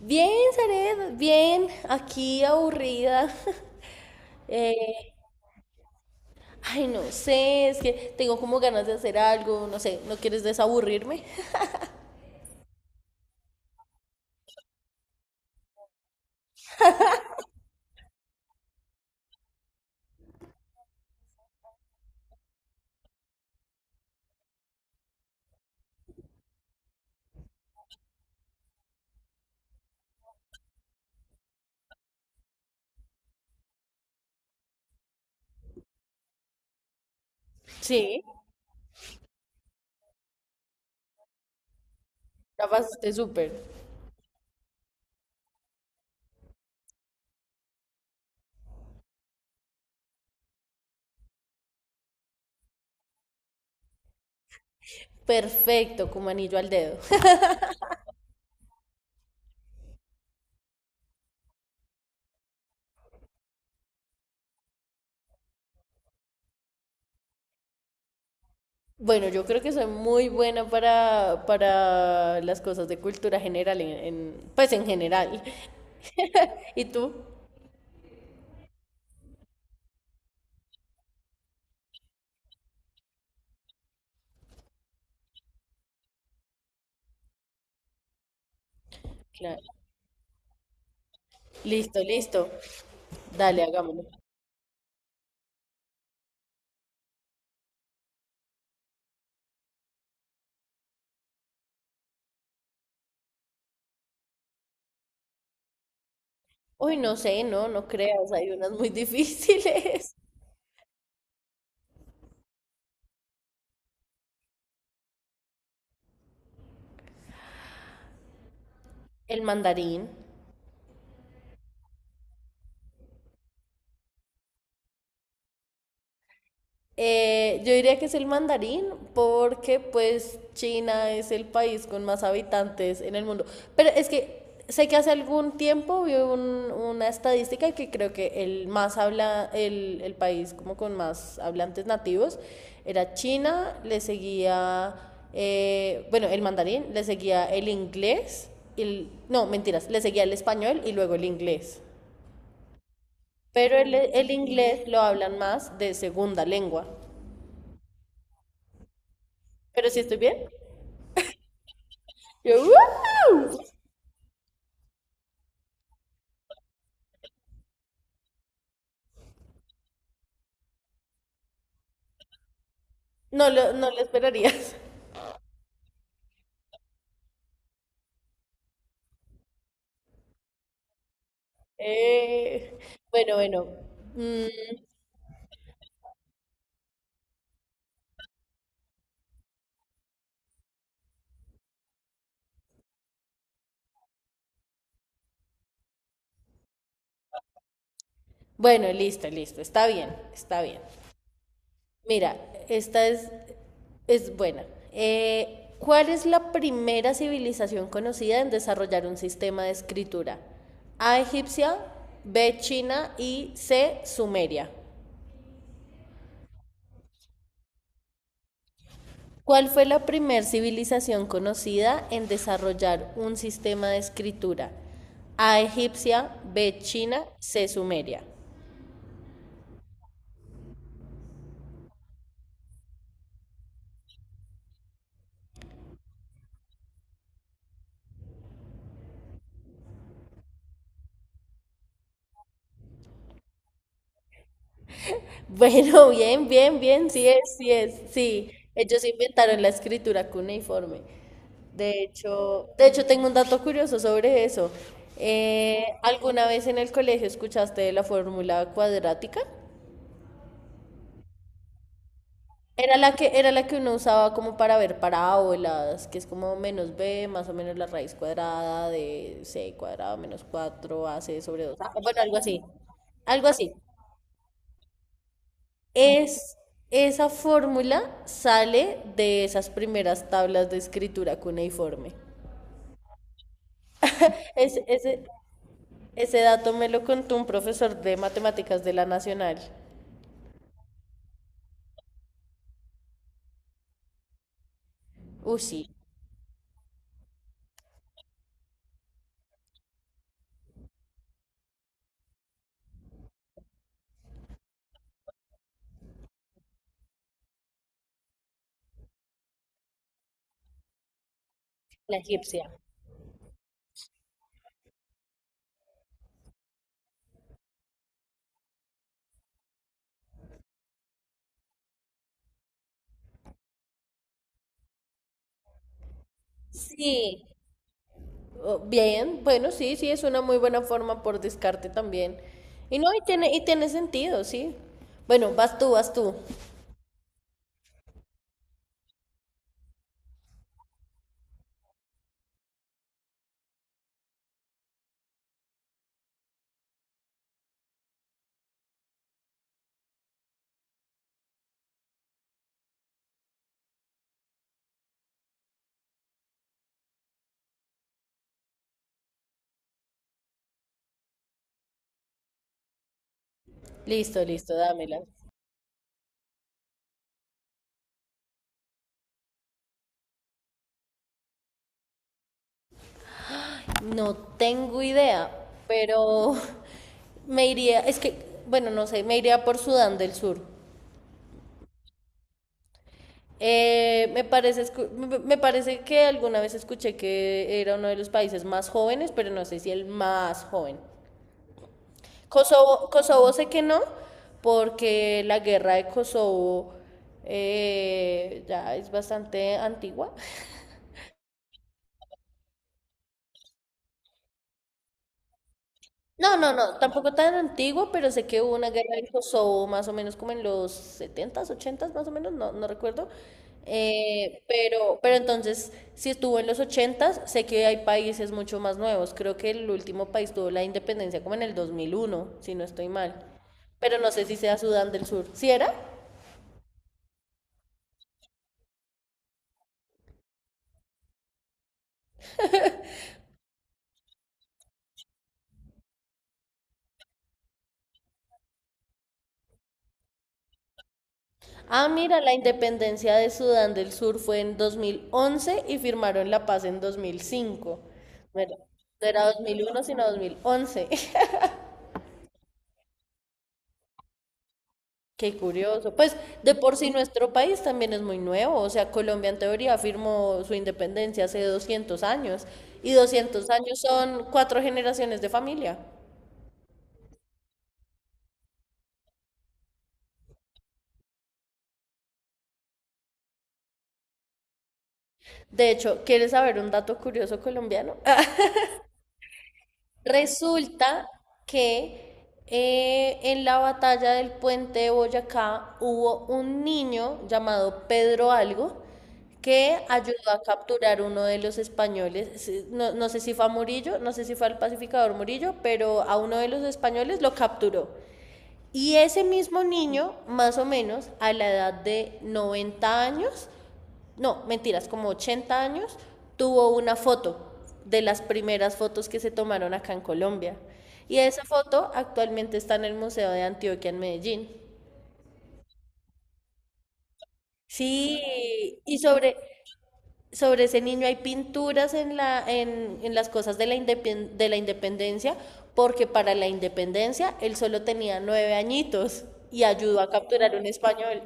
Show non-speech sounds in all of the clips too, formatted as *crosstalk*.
Bien, Zaret, bien, aquí aburrida. *laughs* Eh, Ay, no sé, es que tengo como ganas de hacer algo, no sé, ¿no quieres desaburrirme? *laughs* Sí, ya pasaste súper. Perfecto, como anillo al dedo. *laughs* Bueno, yo creo que soy muy buena para las cosas de cultura general, pues en general. *laughs* ¿Y tú? Claro. Listo, listo. Dale, hagámoslo. Uy, no sé, no, no creas, hay unas muy *laughs* difíciles. El mandarín. Yo diría que es el mandarín porque pues China es el país con más habitantes en el mundo. Pero es que sé que hace algún tiempo vi una estadística que creo que el país como con más hablantes nativos era China, le seguía, bueno, el mandarín, le seguía el inglés, el, no, mentiras, le seguía el español y luego el inglés. Pero el inglés lo hablan más de segunda lengua. ¿Pero si estoy bien? Yo, no lo, no lo esperarías." *laughs* Eh, bueno, bueno. Mm, bueno, listo, listo. Está bien, está bien. Mira, esta es buena. ¿Cuál es la primera civilización conocida en desarrollar un sistema de escritura? A egipcia, B china y C sumeria. ¿Cuál fue la primer civilización conocida en desarrollar un sistema de escritura? A egipcia, B china, C sumeria. *laughs* Bueno, bien, bien, bien, sí es, sí es, sí. Ellos inventaron la escritura cuneiforme. De hecho, tengo un dato curioso sobre eso. ¿Alguna vez en el colegio escuchaste de la fórmula cuadrática? Era la que uno usaba como para ver parábolas, que es como menos b, más o menos la raíz cuadrada de c cuadrado menos 4 ac sobre 2. Bueno, algo así. Algo así. Es, Esa fórmula sale de esas primeras tablas de escritura cuneiforme. Ese, ese, ese dato me lo contó un profesor de matemáticas de la Nacional. Uy, sí, la egipcia. Sí, oh, bien, bueno, sí, sí, es una muy buena forma por descarte también. Y no, y tiene sentido, sí. Bueno, vas tú, vas tú. Listo, listo, dámela. No tengo idea, pero *laughs* me iría, es que, bueno, no sé, me iría por Sudán del Sur. Me parece, me parece que alguna vez escuché que era uno de los países más jóvenes, pero no sé si el más joven. Kosovo sé que no, porque la guerra de Kosovo ya es bastante antigua. No, no, no, tampoco tan antigua, pero sé que hubo una guerra de Kosovo más o menos como en los 70s, 80s más o menos, no, no recuerdo. Pero entonces, si estuvo en los 80s, sé que hay países mucho más nuevos. Creo que el último país tuvo la independencia como en el 2001, si no estoy mal. Pero no sé si sea Sudán del Sur. ¿Sí era? Ah, mira, la independencia de Sudán del Sur fue en 2011 y firmaron la paz en 2005. Bueno, no era 2001 sino 2011. *laughs* Qué curioso. Pues de por sí nuestro país también es muy nuevo. O sea, Colombia en teoría firmó su independencia hace 200 años. Y 200 años son cuatro generaciones de familia. De hecho, ¿quieres saber un dato curioso colombiano? *laughs* Resulta que en la batalla del puente de Boyacá hubo un niño llamado Pedro Algo que ayudó a capturar uno de los españoles, sí, no, no sé si fue a Murillo, no sé si fue al pacificador Murillo, pero a uno de los españoles lo capturó. Y ese mismo niño, más o menos a la edad de 90 años, no, mentiras, como 80 años, tuvo una foto de las primeras fotos que se tomaron acá en Colombia. Y esa foto actualmente está en el Museo de Antioquia en Medellín. Sí, y sobre ese niño hay pinturas en las cosas de la indepen- de la independencia, porque para la independencia él solo tenía 9 añitos y ayudó a capturar un español.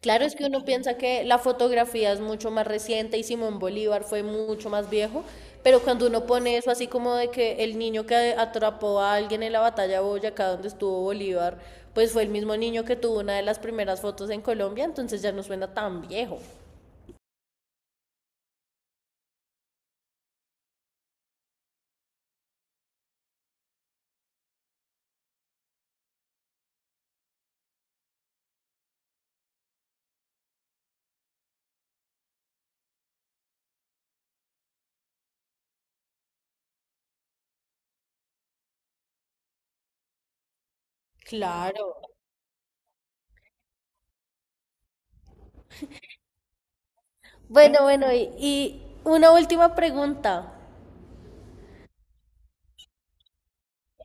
Claro, es que uno piensa que la fotografía es mucho más reciente y Simón Bolívar fue mucho más viejo, pero cuando uno pone eso así como de que el niño que atrapó a alguien en la batalla de Boyacá donde estuvo Bolívar, pues fue el mismo niño que tuvo una de las primeras fotos en Colombia, entonces ya no suena tan viejo. Claro. Bueno, bueno, y una última pregunta.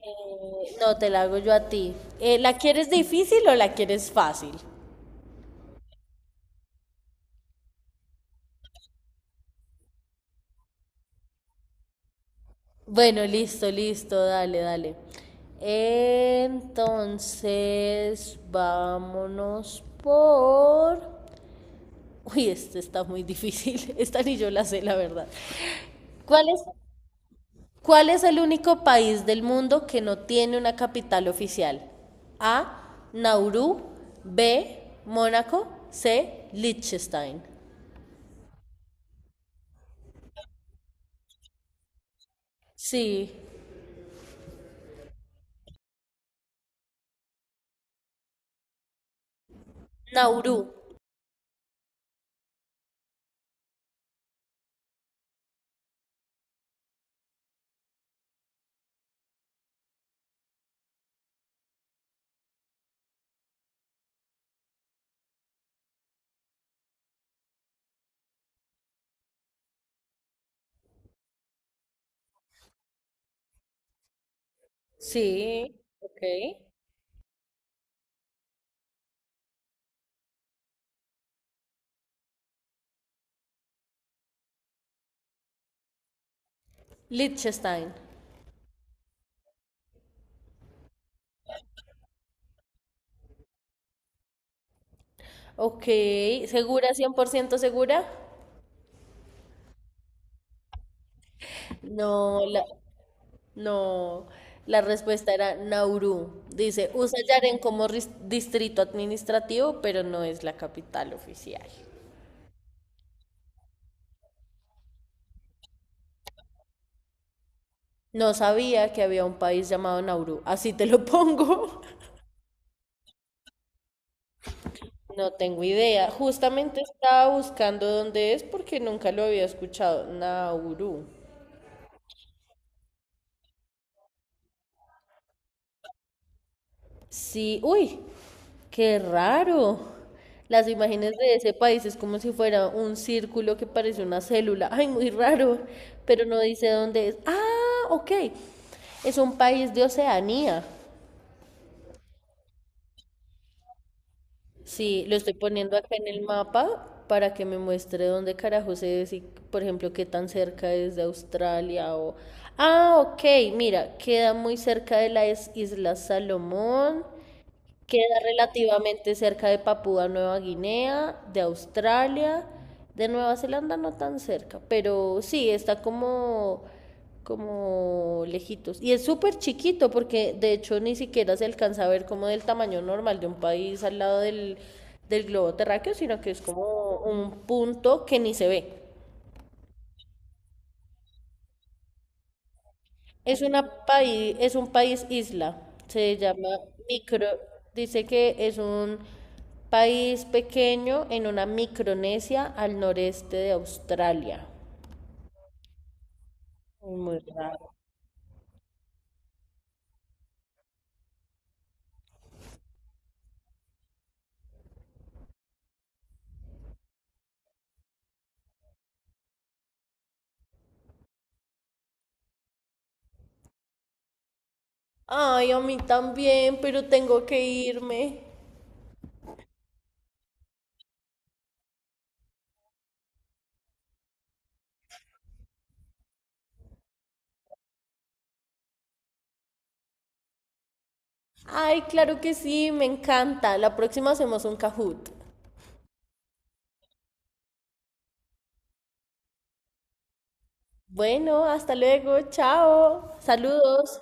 No, te la hago yo a ti. ¿La quieres difícil o la quieres fácil? Bueno, listo, listo, dale, dale. Entonces, vámonos por... Uy, este está muy difícil. *laughs* Esta ni yo la sé, la verdad. ¿Cuál es, ¿Cuál es el único país del mundo que no tiene una capital oficial? A. Nauru. B. Mónaco. C. Liechtenstein. Sí. Nauru. Sí. Ok. Liechtenstein. Ok, ¿segura, 100% segura? No, no, la respuesta era Nauru. Dice, usa Yaren como distrito administrativo, pero no es la capital oficial. No sabía que había un país llamado Nauru, así te lo pongo. *laughs* No tengo idea. Justamente estaba buscando dónde es porque nunca lo había escuchado. Nauru. Sí, uy, qué raro. Las imágenes de ese país es como si fuera un círculo que parece una célula. Ay, muy raro, pero no dice dónde es. Ah, ok. Es un país de Oceanía. Sí, lo estoy poniendo acá en el mapa para que me muestre dónde carajos es y, por ejemplo, qué tan cerca es de Australia o... Ah, ok, mira, queda muy cerca de las Islas Salomón, queda relativamente cerca de Papúa Nueva Guinea, de Australia, de Nueva Zelanda no tan cerca, pero sí, está como lejitos. Y es súper chiquito porque de hecho ni siquiera se alcanza a ver como del tamaño normal de un país al lado del globo terráqueo, sino que es como un punto que ni se ve. Es una país, es un país isla, se llama micro, dice que es un país pequeño en una Micronesia al noreste de Australia. Muy raro. Ay, a mí también, pero tengo que irme. Ay, claro que sí, me encanta. La próxima hacemos un Kahoot. Bueno, hasta luego, chao. Saludos.